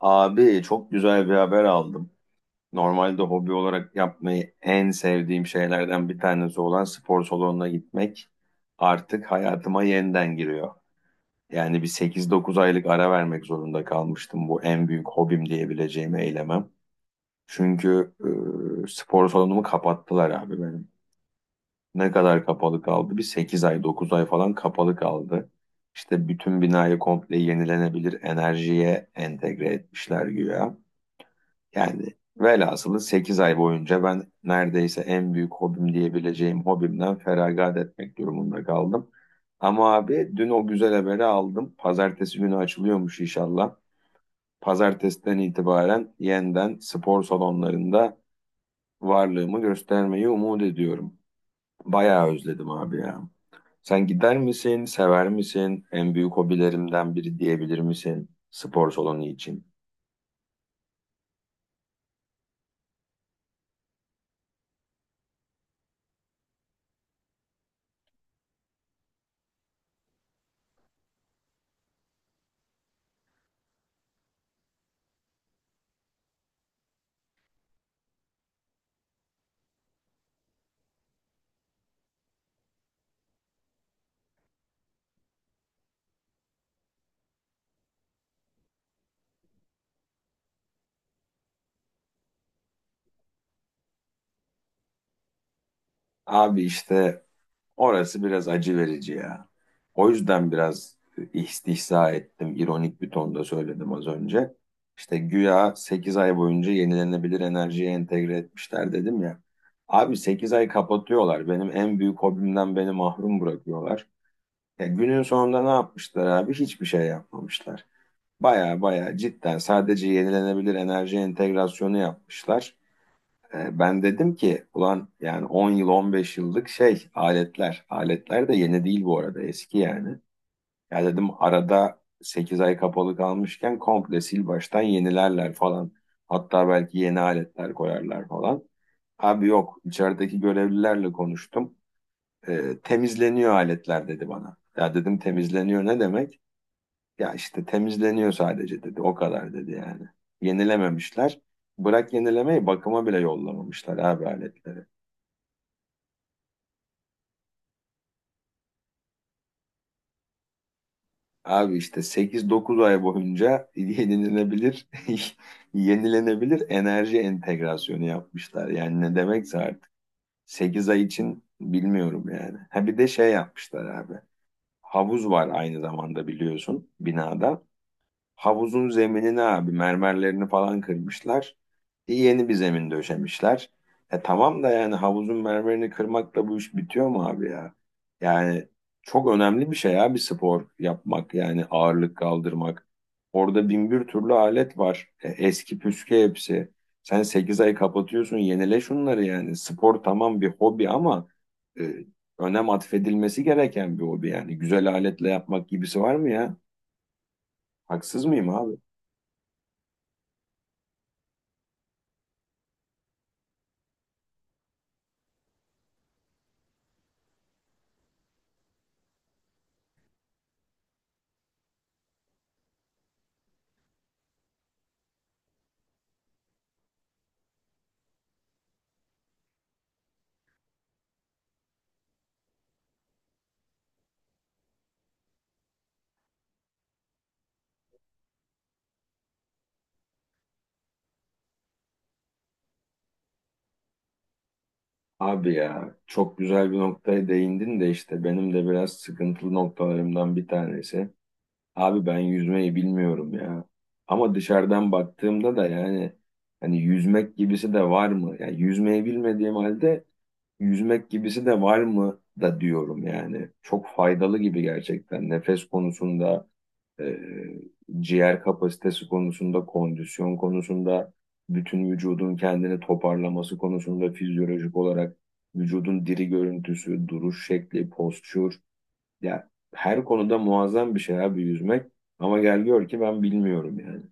Abi çok güzel bir haber aldım. Normalde hobi olarak yapmayı en sevdiğim şeylerden bir tanesi olan spor salonuna gitmek artık hayatıma yeniden giriyor. Yani bir 8-9 aylık ara vermek zorunda kalmıştım, bu en büyük hobim diyebileceğim eylemem. Çünkü spor salonumu kapattılar abi benim. Ne kadar kapalı kaldı? Bir 8 ay 9 ay falan kapalı kaldı. İşte bütün binayı komple yenilenebilir enerjiye entegre etmişler güya. Yani velhasılı 8 ay boyunca ben neredeyse en büyük hobim diyebileceğim hobimden feragat etmek durumunda kaldım. Ama abi dün o güzel haberi aldım. Pazartesi günü açılıyormuş inşallah. Pazartesiden itibaren yeniden spor salonlarında varlığımı göstermeyi umut ediyorum. Bayağı özledim abi ya. Sen gider misin, sever misin? En büyük hobilerimden biri diyebilir misin spor salonu için? Abi işte orası biraz acı verici ya. O yüzden biraz istihza ettim, ironik bir tonda söyledim az önce. İşte güya 8 ay boyunca yenilenebilir enerjiye entegre etmişler dedim ya. Abi 8 ay kapatıyorlar. Benim en büyük hobimden beni mahrum bırakıyorlar. Ya günün sonunda ne yapmışlar abi? Hiçbir şey yapmamışlar. Baya baya cidden sadece yenilenebilir enerji entegrasyonu yapmışlar. Ben dedim ki ulan yani 10 yıl 15 yıllık şey aletler. Aletler de yeni değil bu arada, eski yani. Ya dedim arada 8 ay kapalı kalmışken komple sil baştan yenilerler falan. Hatta belki yeni aletler koyarlar falan. Abi yok, içerideki görevlilerle konuştum. Temizleniyor aletler dedi bana. Ya dedim temizleniyor ne demek? Ya işte temizleniyor sadece dedi, o kadar dedi yani. Yenilememişler. Bırak yenilemeyi, bakıma bile yollamamışlar abi aletleri. Abi işte 8-9 ay boyunca yenilenebilir, yenilenebilir enerji entegrasyonu yapmışlar. Yani ne demekse artık. 8 ay için bilmiyorum yani. Ha bir de şey yapmışlar abi. Havuz var aynı zamanda biliyorsun binada. Havuzun zeminini abi, mermerlerini falan kırmışlar. Yeni bir zemin döşemişler. E tamam da yani havuzun mermerini kırmakla bu iş bitiyor mu abi ya? Yani çok önemli bir şey abi, spor yapmak yani ağırlık kaldırmak. Orada bin bir türlü alet var. Eski püskü hepsi. Sen 8 ay kapatıyorsun, yenile şunları yani. Spor tamam bir hobi ama e, önem atfedilmesi gereken bir hobi yani. Güzel aletle yapmak gibisi var mı ya? Haksız mıyım abi? Abi ya çok güzel bir noktaya değindin de işte benim de biraz sıkıntılı noktalarımdan bir tanesi. Abi ben yüzmeyi bilmiyorum ya. Ama dışarıdan baktığımda da yani hani yüzmek gibisi de var mı? Yani yüzmeyi bilmediğim halde yüzmek gibisi de var mı da diyorum yani. Çok faydalı gibi gerçekten nefes konusunda, e, ciğer kapasitesi konusunda, kondisyon konusunda, bütün vücudun kendini toparlaması konusunda fizyolojik olarak vücudun diri görüntüsü, duruş şekli, postür, ya, her konuda muazzam bir şey abi yüzmek, ama gel gör ki ben bilmiyorum yani.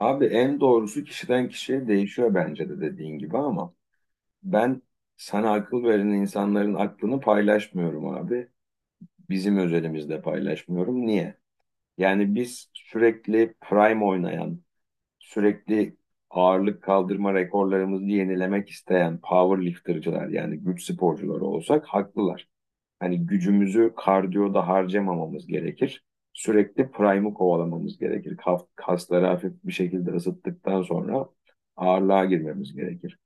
Abi en doğrusu kişiden kişiye değişiyor bence de dediğin gibi, ama ben sana akıl veren insanların aklını paylaşmıyorum abi. Bizim özelimizde paylaşmıyorum. Niye? Yani biz sürekli prime oynayan, sürekli ağırlık kaldırma rekorlarımızı yenilemek isteyen powerlifter'cılar yani güç sporcuları olsak haklılar. Hani gücümüzü kardiyoda harcamamamız gerekir. Sürekli prime'ı kovalamamız gerekir. Kasları hafif bir şekilde ısıttıktan sonra ağırlığa girmemiz gerekir.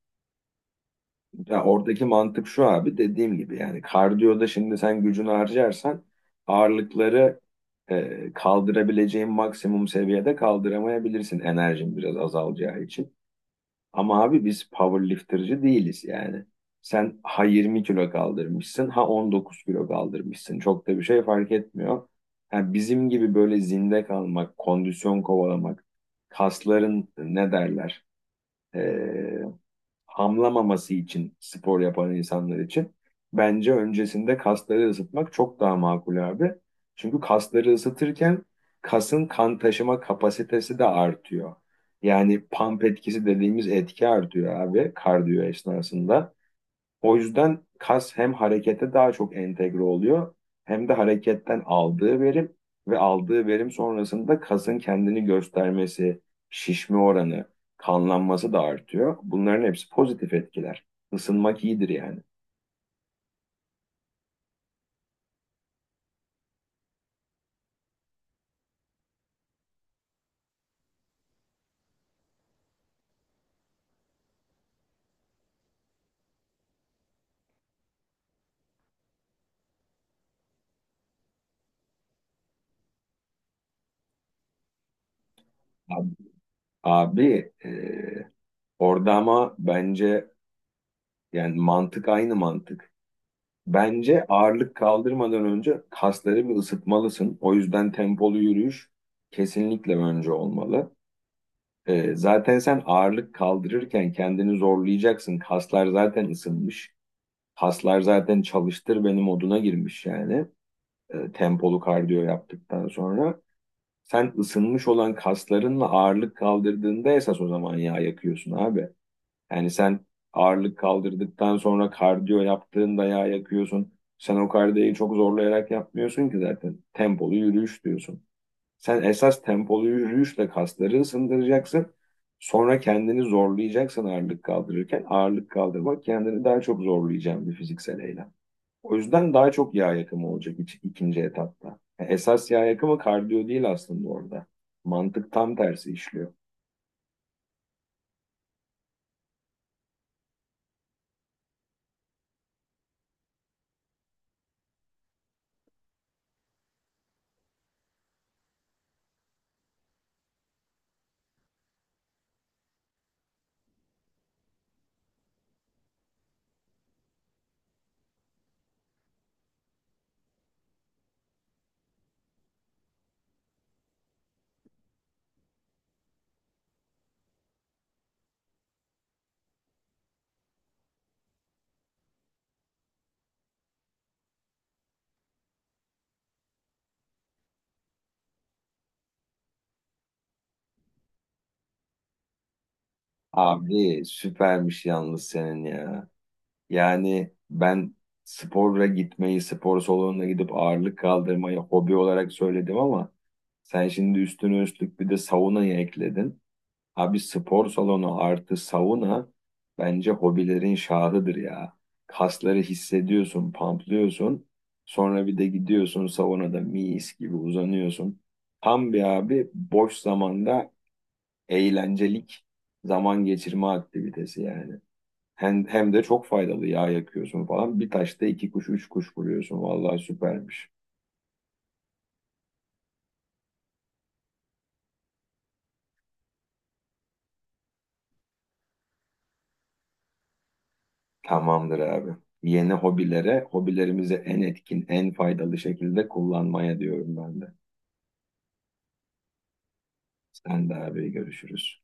Ya oradaki mantık şu abi, dediğim gibi yani kardiyoda şimdi sen gücünü harcarsan ağırlıkları kaldırabileceğin maksimum seviyede kaldıramayabilirsin, enerjin biraz azalacağı için. Ama abi biz powerlifterci değiliz yani. Sen ha 20 kilo kaldırmışsın ha 19 kilo kaldırmışsın, çok da bir şey fark etmiyor. Yani bizim gibi böyle zinde kalmak, kondisyon kovalamak, kasların ne derler, e, hamlamaması için spor yapan insanlar için bence öncesinde kasları ısıtmak çok daha makul abi. Çünkü kasları ısıtırken kasın kan taşıma kapasitesi de artıyor. Yani pump etkisi dediğimiz etki artıyor abi kardiyo esnasında. O yüzden kas hem harekete daha çok entegre oluyor hem de hareketten aldığı verim ve aldığı verim sonrasında kasın kendini göstermesi, şişme oranı, kanlanması da artıyor. Bunların hepsi pozitif etkiler. Isınmak iyidir yani. Abi, abi, orada ama bence yani mantık aynı mantık. Bence ağırlık kaldırmadan önce kasları bir ısıtmalısın. O yüzden tempolu yürüyüş kesinlikle önce olmalı. Zaten sen ağırlık kaldırırken kendini zorlayacaksın. Kaslar zaten ısınmış. Kaslar zaten çalıştır beni moduna girmiş yani. Tempolu kardiyo yaptıktan sonra. Sen ısınmış olan kaslarınla ağırlık kaldırdığında esas o zaman yağ yakıyorsun abi. Yani sen ağırlık kaldırdıktan sonra kardiyo yaptığında yağ yakıyorsun. Sen o kardiyoyu çok zorlayarak yapmıyorsun ki zaten. Tempolu yürüyüş diyorsun. Sen esas tempolu yürüyüşle kasları ısındıracaksın. Sonra kendini zorlayacaksın ağırlık kaldırırken. Ağırlık kaldırmak kendini daha çok zorlayacağın bir fiziksel eylem. O yüzden daha çok yağ yakımı olacak ikinci etapta. Yani esas yağ yakımı kardiyo değil aslında orada. Mantık tam tersi işliyor. Abi süpermiş yalnız senin ya. Yani ben sporla gitmeyi, spor salonuna gidip ağırlık kaldırmayı hobi olarak söyledim ama sen şimdi üstüne üstlük bir de saunayı ekledin. Abi spor salonu artı sauna bence hobilerin şahıdır ya. Kasları hissediyorsun, pamplıyorsun. Sonra bir de gidiyorsun saunada mis gibi uzanıyorsun. Tam bir abi boş zamanda eğlencelik zaman geçirme aktivitesi yani. Hem, hem de çok faydalı yağ yakıyorsun falan. Bir taşta iki kuş, üç kuş vuruyorsun. Vallahi süpermiş. Tamamdır abi. Yeni hobilere, hobilerimizi en etkin, en faydalı şekilde kullanmaya diyorum ben de. Sen de abi görüşürüz.